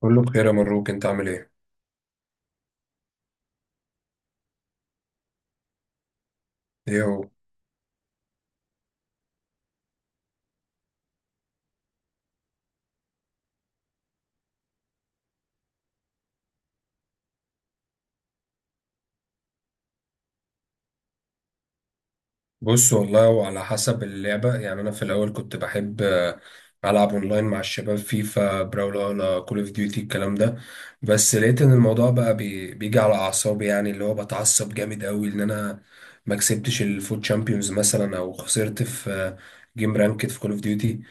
كله بخير يا مبروك، انت عامل ايه؟ ايه هو؟ بص والله وعلى حسب اللعبة، يعني انا في الاول كنت بحب العب اونلاين مع الشباب، فيفا، براولا، كول اوف ديوتي، الكلام ده. بس لقيت ان الموضوع بقى بيجي على اعصابي، يعني اللي هو بتعصب جامد قوي ان انا ما كسبتش الفوت شامبيونز مثلا، او خسرت في جيم رانكد في كول اوف ديوتي.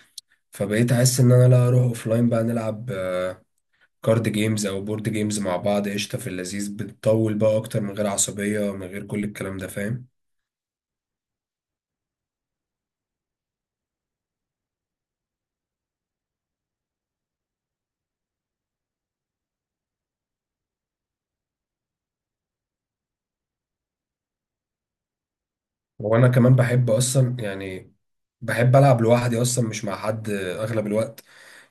فبقيت احس ان انا لا، اروح اوفلاين بقى نلعب كارد جيمز او بورد جيمز مع بعض، قشطة في اللذيذ، بتطول بقى اكتر، من غير عصبية، من غير كل الكلام ده، فاهم. وانا كمان بحب اصلا، يعني بحب العب لوحدي اصلا، مش مع حد اغلب الوقت.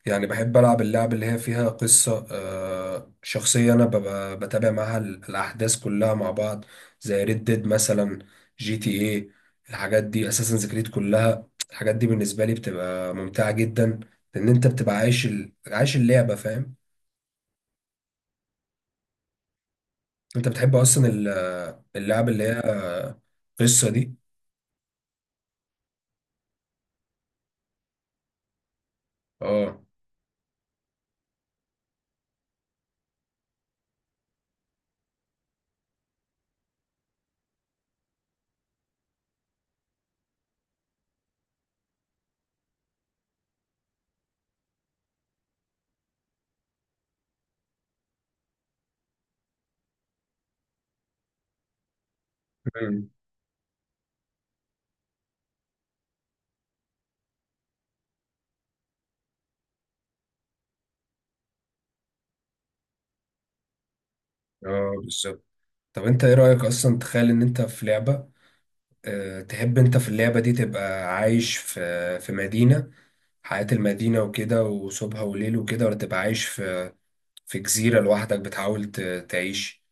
يعني بحب العب اللعب اللي هي فيها قصة شخصية، انا ببقى بتابع معاها الاحداث كلها مع بعض، زي ريد ديد مثلا، جي تي ايه، الحاجات دي، اساسن كريد، كلها الحاجات دي بالنسبة لي بتبقى ممتعة جدا، لان انت بتبقى عايش عايش اللعبة، فاهم. انت بتحب اصلا اللعب اللي هي قصة دي؟ اه. مم. اه بالظبط. طب انت ايه رأيك اصلا، تخيل ان انت في لعبة، اه تحب انت في اللعبة دي تبقى عايش في في مدينة، حياة المدينة وكده وصبح وليل وكده، ولا تبقى عايش في في جزيرة لوحدك بتحاول تعيش؟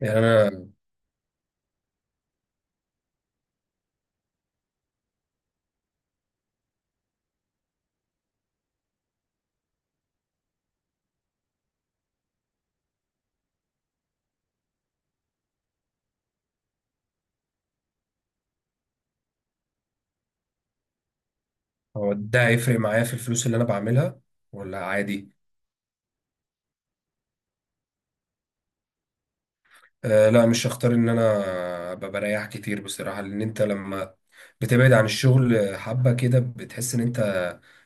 يعني انا، هو ده هيفرق معايا في الفلوس اللي انا بعملها ولا عادي؟ آه لا، مش هختار ان انا ابقى بريح كتير بصراحة. لان انت لما بتبعد عن الشغل حبة كده، بتحس ان انت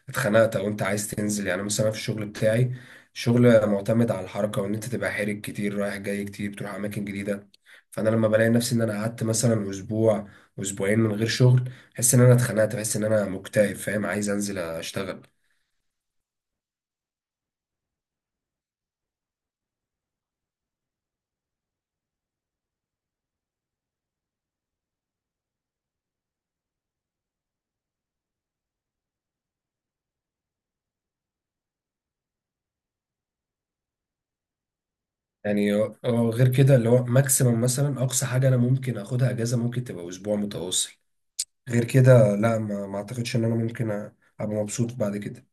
اتخنقت او انت عايز تنزل. يعني مثلا أنا في الشغل بتاعي، شغل معتمد على الحركة وان انت تبقى حرك كتير، رايح جاي كتير، بتروح اماكن جديدة. فانا لما بلاقي نفسي ان انا قعدت مثلا اسبوع اسبوعين من غير شغل، بحس ان انا اتخنقت، بحس ان انا مكتئب، فاهم، عايز انزل اشتغل. يعني غير كده، اللي هو ماكسيمم مثلا، اقصى حاجة انا ممكن اخدها اجازة ممكن تبقى اسبوع متواصل. غير كده لا، ما اعتقدش ان انا ممكن ابقى مبسوط بعد كده.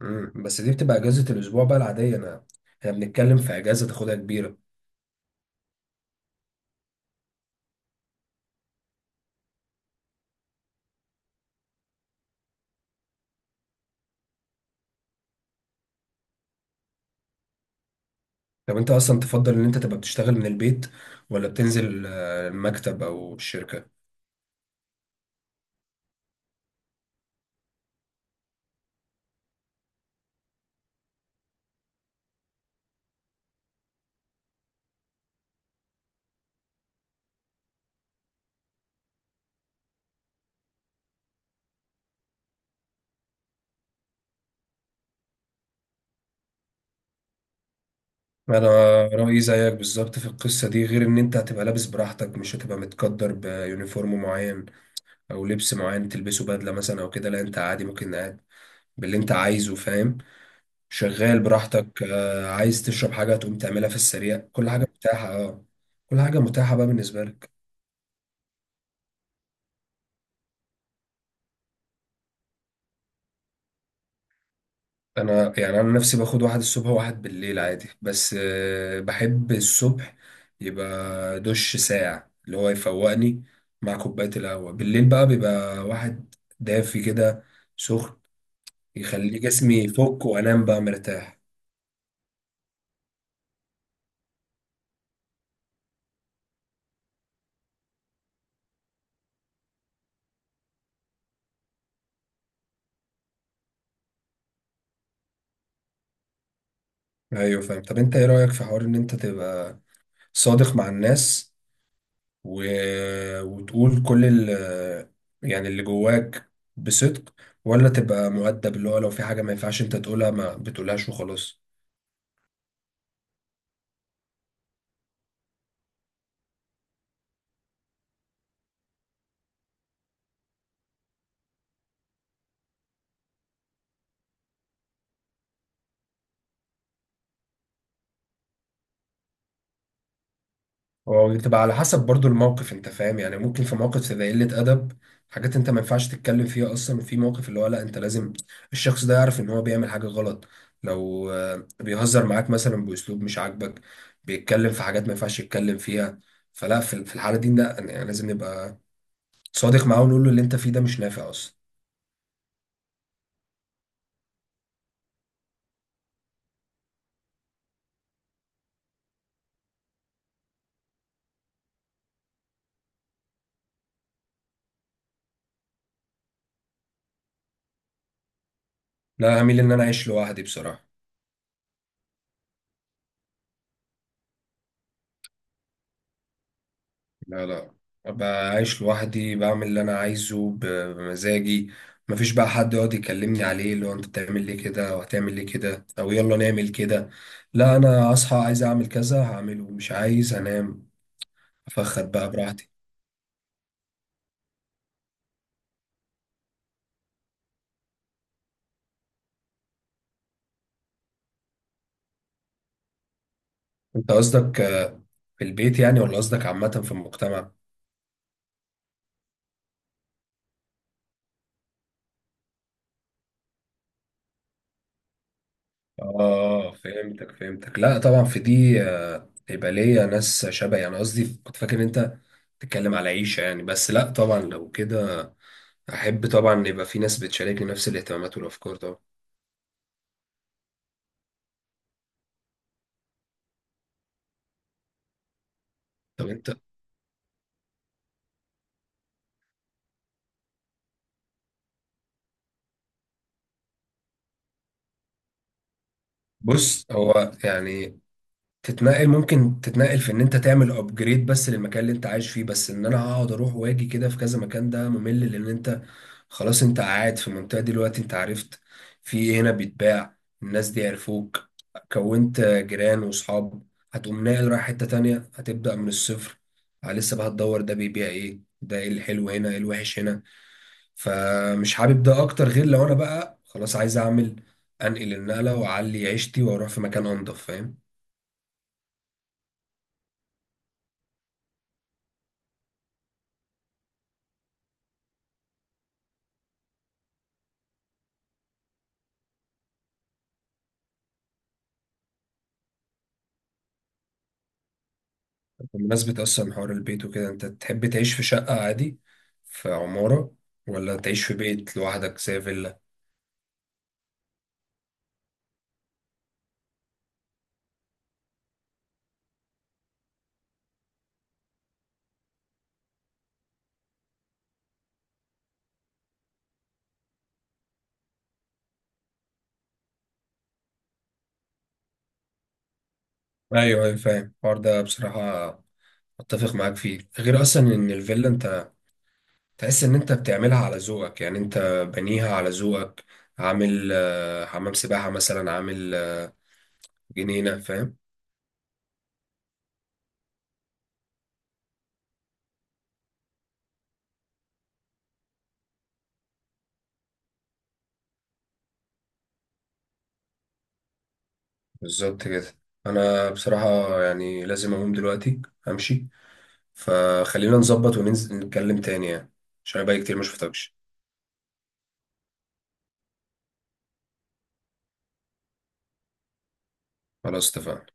مم. بس دي بتبقى اجازة الاسبوع بقى العادية. انا، احنا بنتكلم في اجازة تاخدها كبيرة. طب انت اصلا تفضل ان انت تبقى بتشتغل من البيت ولا بتنزل المكتب او الشركة؟ انا رأيي زيك بالظبط في القصة دي، غير ان انت هتبقى لابس براحتك، مش هتبقى متقدر بيونيفورم معين او لبس معين تلبسه، بدلة مثلا او كده. لا انت عادي ممكن قاعد باللي انت عايزه، فاهم، شغال براحتك. عايز تشرب حاجة تقوم تعملها في السريع، كل حاجة متاحة، اه. كل حاجة متاحة بقى بالنسبة لك. أنا يعني أنا نفسي باخد واحد الصبح وواحد بالليل عادي، بس بحب الصبح يبقى دش ساقع اللي هو يفوقني. مع كوباية القهوة بالليل بقى بيبقى واحد دافي كده، سخن، يخلي جسمي يفك وأنام بقى مرتاح. أيوة فاهم. طب أنت إيه رأيك في حوار إن أنت تبقى صادق مع الناس و... وتقول كل يعني اللي جواك، بصدق، ولا تبقى مؤدب، اللي هو لو في حاجة ما ينفعش انت تقولها ما بتقولهاش وخلاص؟ هو بتبقى على حسب برضو الموقف، انت فاهم. يعني ممكن في موقف تبقى قلة أدب، حاجات انت ما ينفعش تتكلم فيها اصلا، وفي موقف اللي هو لا، انت لازم الشخص ده يعرف ان هو بيعمل حاجة غلط. لو بيهزر معاك مثلا بأسلوب مش عاجبك، بيتكلم في حاجات ما ينفعش يتكلم فيها، فلا في الحالة دي لا، يعني لازم نبقى صادق معاه، ونقول له اللي انت فيه ده مش نافع اصلا. لا هميل ان انا اعيش لوحدي بصراحة. لا لا، بعيش لوحدي، بعمل اللي انا عايزه بمزاجي، مفيش بقى حد يقعد يكلمني عليه اللي هو انت بتعمل ليه كده، وهتعمل ليه كده، او يلا نعمل كده. لا انا اصحى عايز اعمل كذا هعمله، مش عايز هنام، افخد بقى براحتي. انت قصدك في البيت يعني، ولا قصدك عامة في المجتمع؟ اه فهمتك فهمتك، لا طبعا في دي يبقى ليا ناس شبهي. انا قصدي كنت فاكر إن انت تتكلم على عيشة يعني، بس لا طبعا لو كده احب طبعا يبقى في ناس بتشاركني نفس الاهتمامات والافكار طبعا. طب انت، بص هو يعني، تتنقل ممكن تتنقل في ان انت تعمل ابجريد بس للمكان اللي انت عايش فيه، بس ان انا اقعد اروح واجي كده في كذا مكان ده ممل. لان انت خلاص انت قاعد في المنطقة دي دلوقتي، انت عرفت في إيه هنا بيتباع، الناس دي عرفوك، كونت جيران واصحاب، هتقوم ناقل رايح حتة تانية هتبدأ من الصفر، لسه بقى هتدور ده بيبيع ايه، ده ايه الحلو هنا، ايه الوحش هنا. فمش حابب ده اكتر، غير لو انا بقى خلاص عايز اعمل، انقل النقله واعلي عيشتي واروح في مكان انضف، فاهم. بمناسبه اصلا حوار البيت وكده، انت تحب تعيش في شقه عادي في عماره، ولا تعيش في بيت لوحدك زي فيلا؟ ايوه ايوه فاهم الحوار ده بصراحه، اتفق معاك فيه. غير اصلا ان الفيلا انت تحس ان انت بتعملها على ذوقك، يعني انت بنيها على ذوقك، عامل حمام سباحه مثلا، عامل جنينه، فاهم. بالظبط كده. انا بصراحة يعني لازم اقوم دلوقتي، امشي، فخلينا نظبط وننزل نتكلم تاني يعني، عشان بقى كتير ما شفتكش. خلاص اتفقنا.